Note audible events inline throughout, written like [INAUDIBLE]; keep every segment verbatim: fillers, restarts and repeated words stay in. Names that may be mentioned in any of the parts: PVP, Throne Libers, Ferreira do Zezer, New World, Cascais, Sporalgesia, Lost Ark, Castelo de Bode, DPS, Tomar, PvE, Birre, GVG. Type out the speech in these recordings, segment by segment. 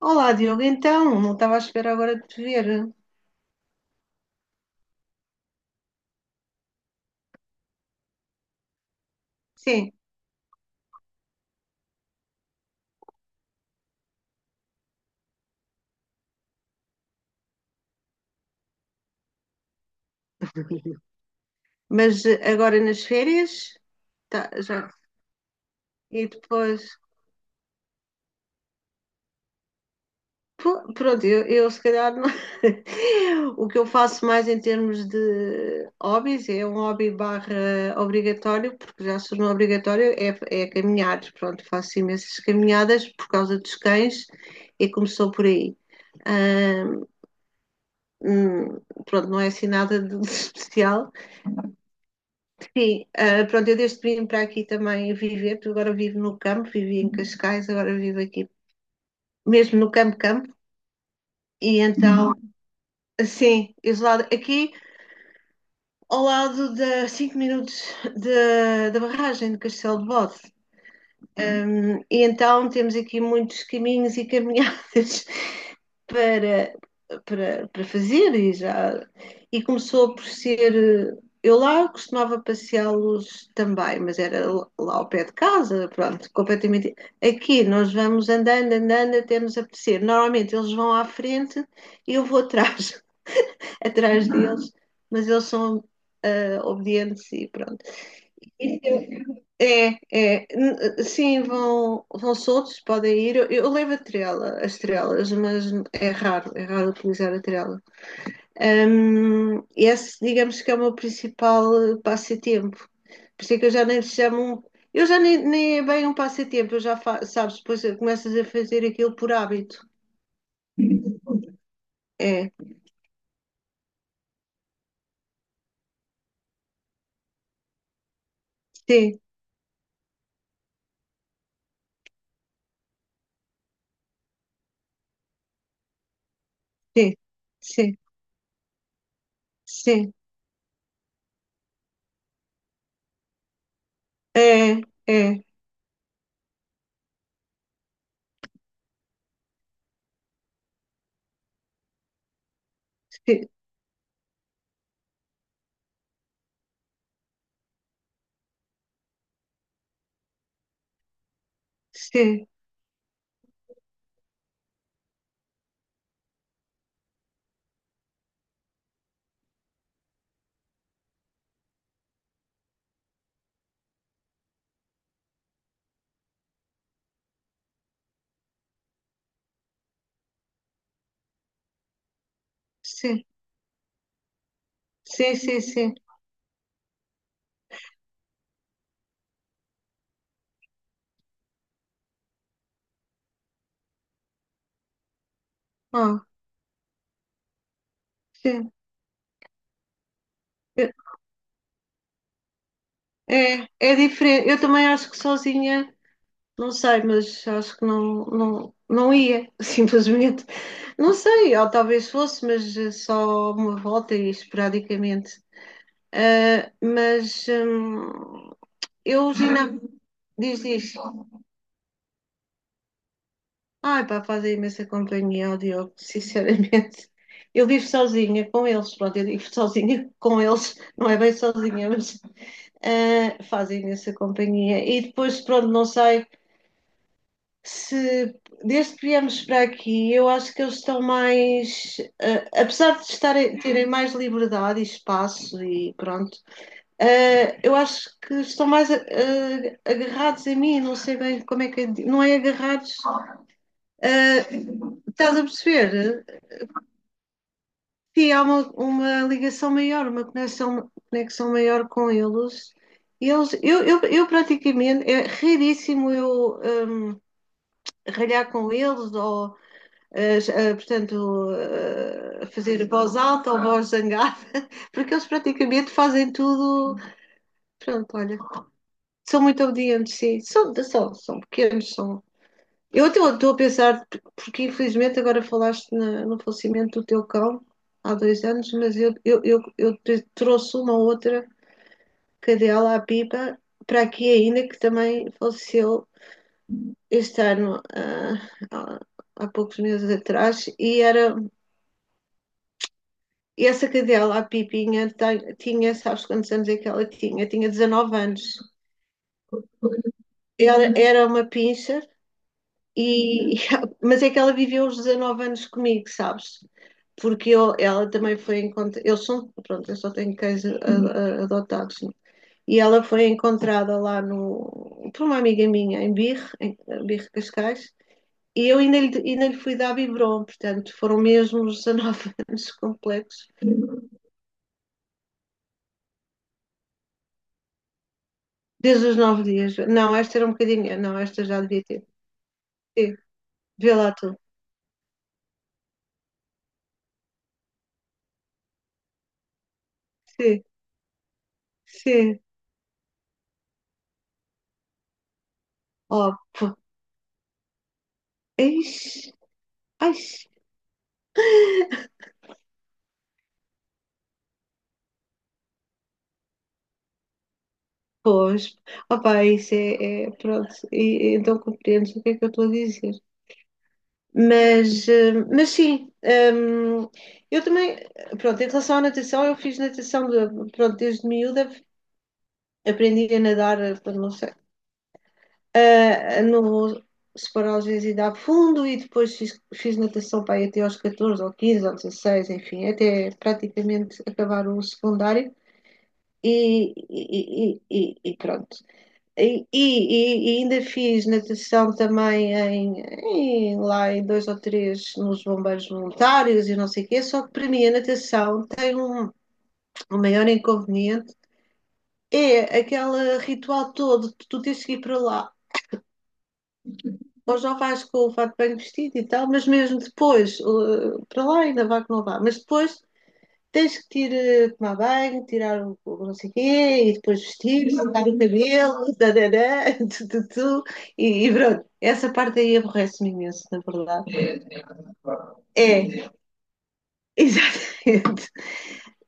Olá, Diogo, então, não estava à espera agora de te ver. Sim, mas eh, agora nas férias, tá, já. E depois, pô, pronto, eu, eu se calhar não- [LAUGHS] o que eu faço mais em termos de hobbies é um hobby barra obrigatório, porque já se tornou obrigatório, é, é caminhar. Pronto, faço imensas caminhadas por causa dos cães e começou por aí. Ah, hum, pronto, não é assim nada de [LAUGHS] de especial. Sim, ah, pronto, eu desde que vim para aqui também viver, porque agora vivo no campo, vivi em Cascais, agora vivo aqui, mesmo no campo campo, e então, sim, isolado aqui ao lado da cinco minutos da da barragem de Castelo de Bode. Um, e então temos aqui muitos caminhos e caminhadas [LAUGHS] para, para, para fazer e já e começou por ser eu lá costumava passeá-los também, mas era lá ao pé de casa, pronto, completamente. Aqui nós vamos andando, andando até nos apetecer. Normalmente eles vão à frente e eu vou atrás, [LAUGHS] atrás deles, mas eles são uh, obedientes e pronto. É, é, N- sim, vão, vão soltos, podem ir. Eu, eu levo a trela, as trelas, mas é raro, é raro utilizar a trela. Hum, esse, digamos que é o meu principal eh, passatempo. Por isso é que eu já nem chamo um. Eu já nem, nem é bem um passatempo, eu já fa, sabes, depois começas a fazer aquilo por hábito. É, sim, sim, sim, sim. É, é, sim, sim, sim, sim, sim, sim. Ah, sim. É, é diferente. Eu também acho que sozinha, não sei, mas acho que não, não, não ia, [LAUGHS] simplesmente. Não sei, ou talvez fosse, mas eh, só uma volta e esporadicamente. Ah, mas hum, eu, Gina, diz, diz. Ai, pá, fazem imensa companhia ao Diogo, sinceramente. Eu vivo sozinha com eles, pronto, eu vivo sozinha com eles, não é bem sozinha, mas ah, fazem imensa companhia. E depois, pronto, não sei. Se desde que viemos para aqui, eu acho que eles estão mais, eh, apesar de estarem, terem mais liberdade e espaço e pronto, eh, eu acho que estão mais eh, agarrados a mim, não sei bem como é que é, não é agarrados, eh, estás a perceber? Sim, há uma, uma ligação maior, uma conexão, conexão maior com eles. Eles, eu, eu, eu praticamente, é raríssimo eu hum, ralhar com eles ou a, portanto, a fazer voz alta ou voz zangada, [LAUGHS] porque eles praticamente fazem tudo. Pronto, olha, são muito obedientes, sim. São, são, são pequenos, são. Eu até estou a pensar, porque infelizmente agora falaste na, no falecimento do teu cão há dois anos, mas eu, eu, eu, eu trouxe uma outra cadela, a Pipa, para aqui ainda, que também faleceu este ano, ah, há, há poucos meses atrás, e era E essa cadela, a Pipinha, tem- tinha, sabes quantos anos é que ela tinha? Tinha dezanove anos. Era, era uma pincher, e, [LAUGHS] e- mas é que ela viveu os dezanove anos comigo, sabes? Porque eu, ela também foi encontrada. Eu sou, pronto, eu só tenho cães a- a- adotados. Né? E ela foi encontrada lá no, por uma amiga minha, em Birre, em Birre Cascais, e eu ainda lhe, ainda lhe fui dar biberon, portanto, foram mesmo os dezanove [LAUGHS] anos completos. Desde os nove dias. Não, esta era um bocadinho. Não, esta já devia ter. Sim, vê lá tu. Sim, sim. Oh, pô. Ixi, Ai. [LAUGHS] Pois, opa, isso é, é- pronto, e então compreendes o que é que eu estou a dizer. Mas, eh, mas sim, hum, eu também, pronto, em relação à natação, eu fiz natação, de- pronto, desde miúda aprendi a nadar, eh, não sei, ah, no Sporalgesia dá fundo e depois fiz, fiz natação para aí até aos catorze ou quinze ou dezasseis enfim, até praticamente acabar o secundário e, e, e, e pronto. E, e- e ainda fiz natação também em, em- lá em dois ou três nos bombeiros voluntários e não sei o quê, só que para mim a natação tem um, um maior inconveniente, é aquele ritual todo de tu tens que ir para lá. Hoje não vais com o fato bem vestido e tal, mas mesmo depois, eh, para lá ainda vá que não vá, mas depois tens que te ir eh, tomar banho, tirar o, o não sei o quê, e depois vestir, secar o cabelo, [LAUGHS] tarará, tu, tu, tu, e, e pronto. Essa parte aí aborrece-me imenso, na verdade. É, [LAUGHS] exatamente.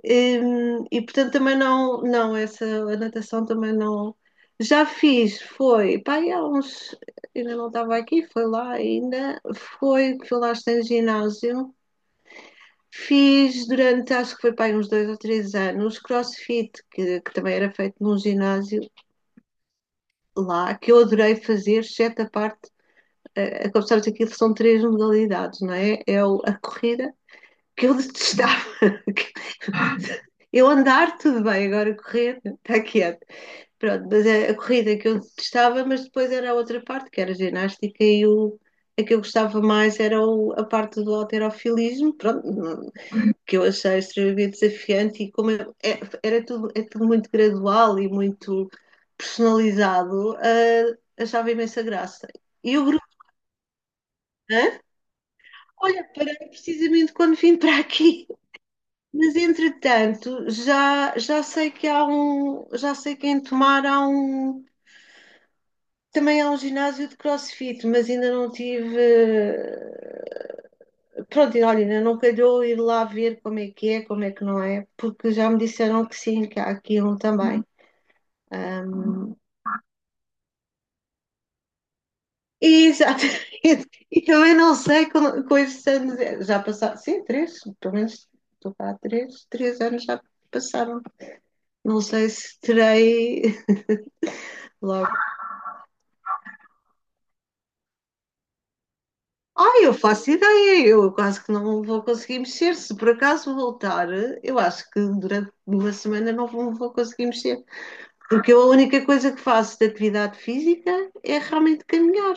Hum, E, portanto também não, não, essa a natação também não. Já fiz, foi, pá, e há uns, ainda não estava aqui, foi lá ainda, foi, fui lá estar em ginásio, fiz durante, acho que foi pá, aí uns dois ou três anos, crossfit, que, que também era feito num ginásio lá, que eu adorei fazer, exceto a parte, eh, eh, como sabes, aquilo são três modalidades, não é? É o- a corrida, que eu detestava, [LAUGHS] eu andar, tudo bem, agora correr, está quieto. Pronto, mas é a corrida que eu testava, mas depois era a outra parte, que era a ginástica, e o, a que eu gostava mais era o- a parte do halterofilismo, pronto, não- que eu achei extremamente desafiante, e como eu- é- era tudo, é tudo muito gradual e muito personalizado, ah, achava imensa graça. E o grupo, hã? Olha, parei precisamente quando vim para aqui. Mas entretanto, já, já sei que há um, já sei que em Tomar há um, também há um ginásio de CrossFit, mas ainda não tive, eh, pronto, e olha, ainda não calhou ir lá ver como é que é, como é que não é, porque já me disseram que sim, que há aqui um também. E, exatamente, [LAUGHS] e também não sei com, com estes anos, eh, já passaram, sim, três, pelo menos estou cá há três, três anos já passaram. Não sei se terei [LAUGHS] logo. Ah, eu faço ideia, eu quase que não vou conseguir mexer. Se por acaso voltar, eu acho que durante uma semana não vou, vou conseguir mexer. Porque eu a única coisa que faço de atividade física é realmente caminhar,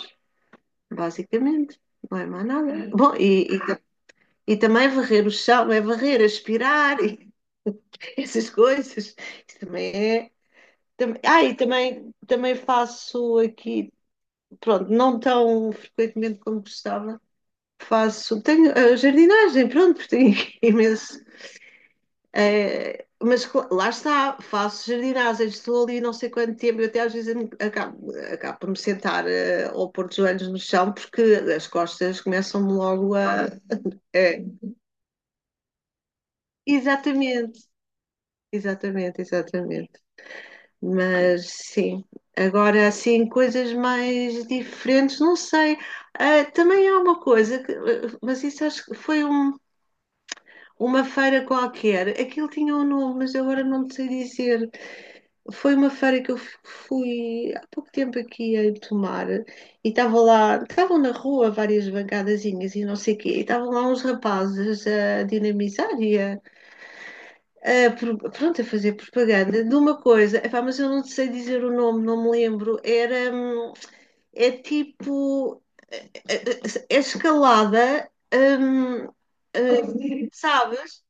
basicamente. Não é mais nada. Bom, e, e, ta- e também varrer o chão, é varrer, é aspirar, e [LAUGHS] essas coisas. Isso também é. Tam- ah, e também, também faço aqui, pronto, não tão frequentemente como gostava faço. Tenho eh, jardinagem, pronto, tenho [LAUGHS] imenso. eh, mas cla- lá está, faço jardinagem, estou ali não sei quanto tempo, eu até às vezes me- acabo, acabo por me sentar eh, ou pôr os joelhos no chão, porque as costas começam-me logo a. É, exatamente, exatamente, exatamente. Mas sim, agora assim, coisas mais diferentes, não sei. Ah, também há uma coisa, que, eh, mas isso acho que foi um uma feira qualquer, aquilo tinha um nome, mas agora não te sei dizer. Foi uma feira que eu fu- fui há pouco tempo aqui em Tomar e estava lá, estavam na rua várias bancadazinhas e não sei o quê, e estavam lá uns rapazes a dinamizar e a, a pro- pronto, a fazer propaganda de uma coisa, epá, mas eu não te sei dizer o nome, não me lembro. Era, hum, é tipo, é, é- é escalada, hum, eh, sabes?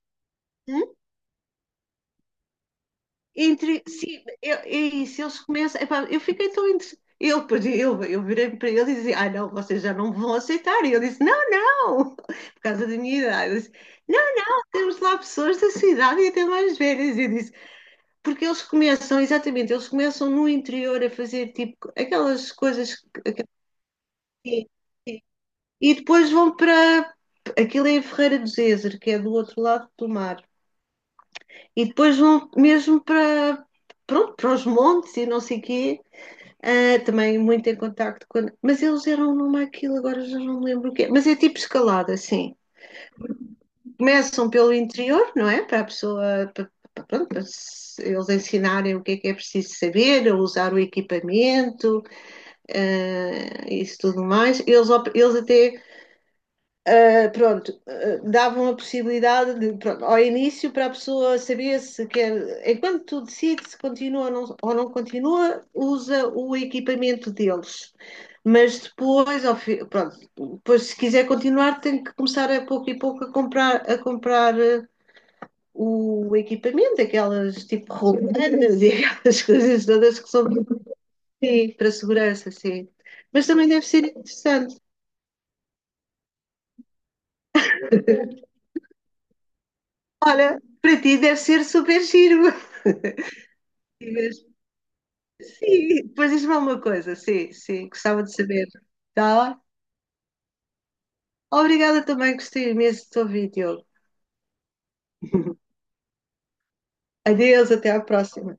Entre, sim, eu, é isso, eles começam. Epá, eu fiquei tão entre. Eu, depois eu, eu virei para ele e dizia: Ah, não, vocês já não me vão aceitar. E ele disse: Não, não, [LAUGHS] por causa da minha idade. Eu disse, não, temos lá pessoas da sua idade e até mais velhas. E eu disse: Porque eles começam, exatamente, eles começam no interior a fazer tipo aquelas coisas que. E depois vão para. Aquilo é em Ferreira do Zezer, que é do outro lado do mar. E depois vão mesmo para. Pronto, para os montes e não sei o quê. Ah, também muito em contacto com. Mas eles eram numa aquilo, agora já não me lembro o quê. Mas é tipo escalada, assim. Começam pelo interior, não é? Para a pessoa, para, para- pronto, para se- eles ensinarem o que é que é preciso saber, a usar o equipamento, ah, isso tudo mais. Eles, op- eles até Uh, pronto, uh, davam a possibilidade de, pronto, ao início para a pessoa saber se quer, enquanto tu decides se continua ou não, ou não continua, usa o equipamento deles. Mas depois, ao fi, pronto, depois se quiser continuar, tem que começar a pouco e pouco a comprar, a comprar uh, o equipamento, aquelas tipo rolanas e aquelas [LAUGHS] coisas todas que são sim, para a segurança, sim. Mas também deve ser interessante. Olha, para ti deve ser super giro. [LAUGHS] Sim, pois diz-me alguma coisa, sim, sim, gostava de saber. Tá? Obrigada também, gostei imenso do teu vídeo. [LAUGHS] Adeus, até à próxima.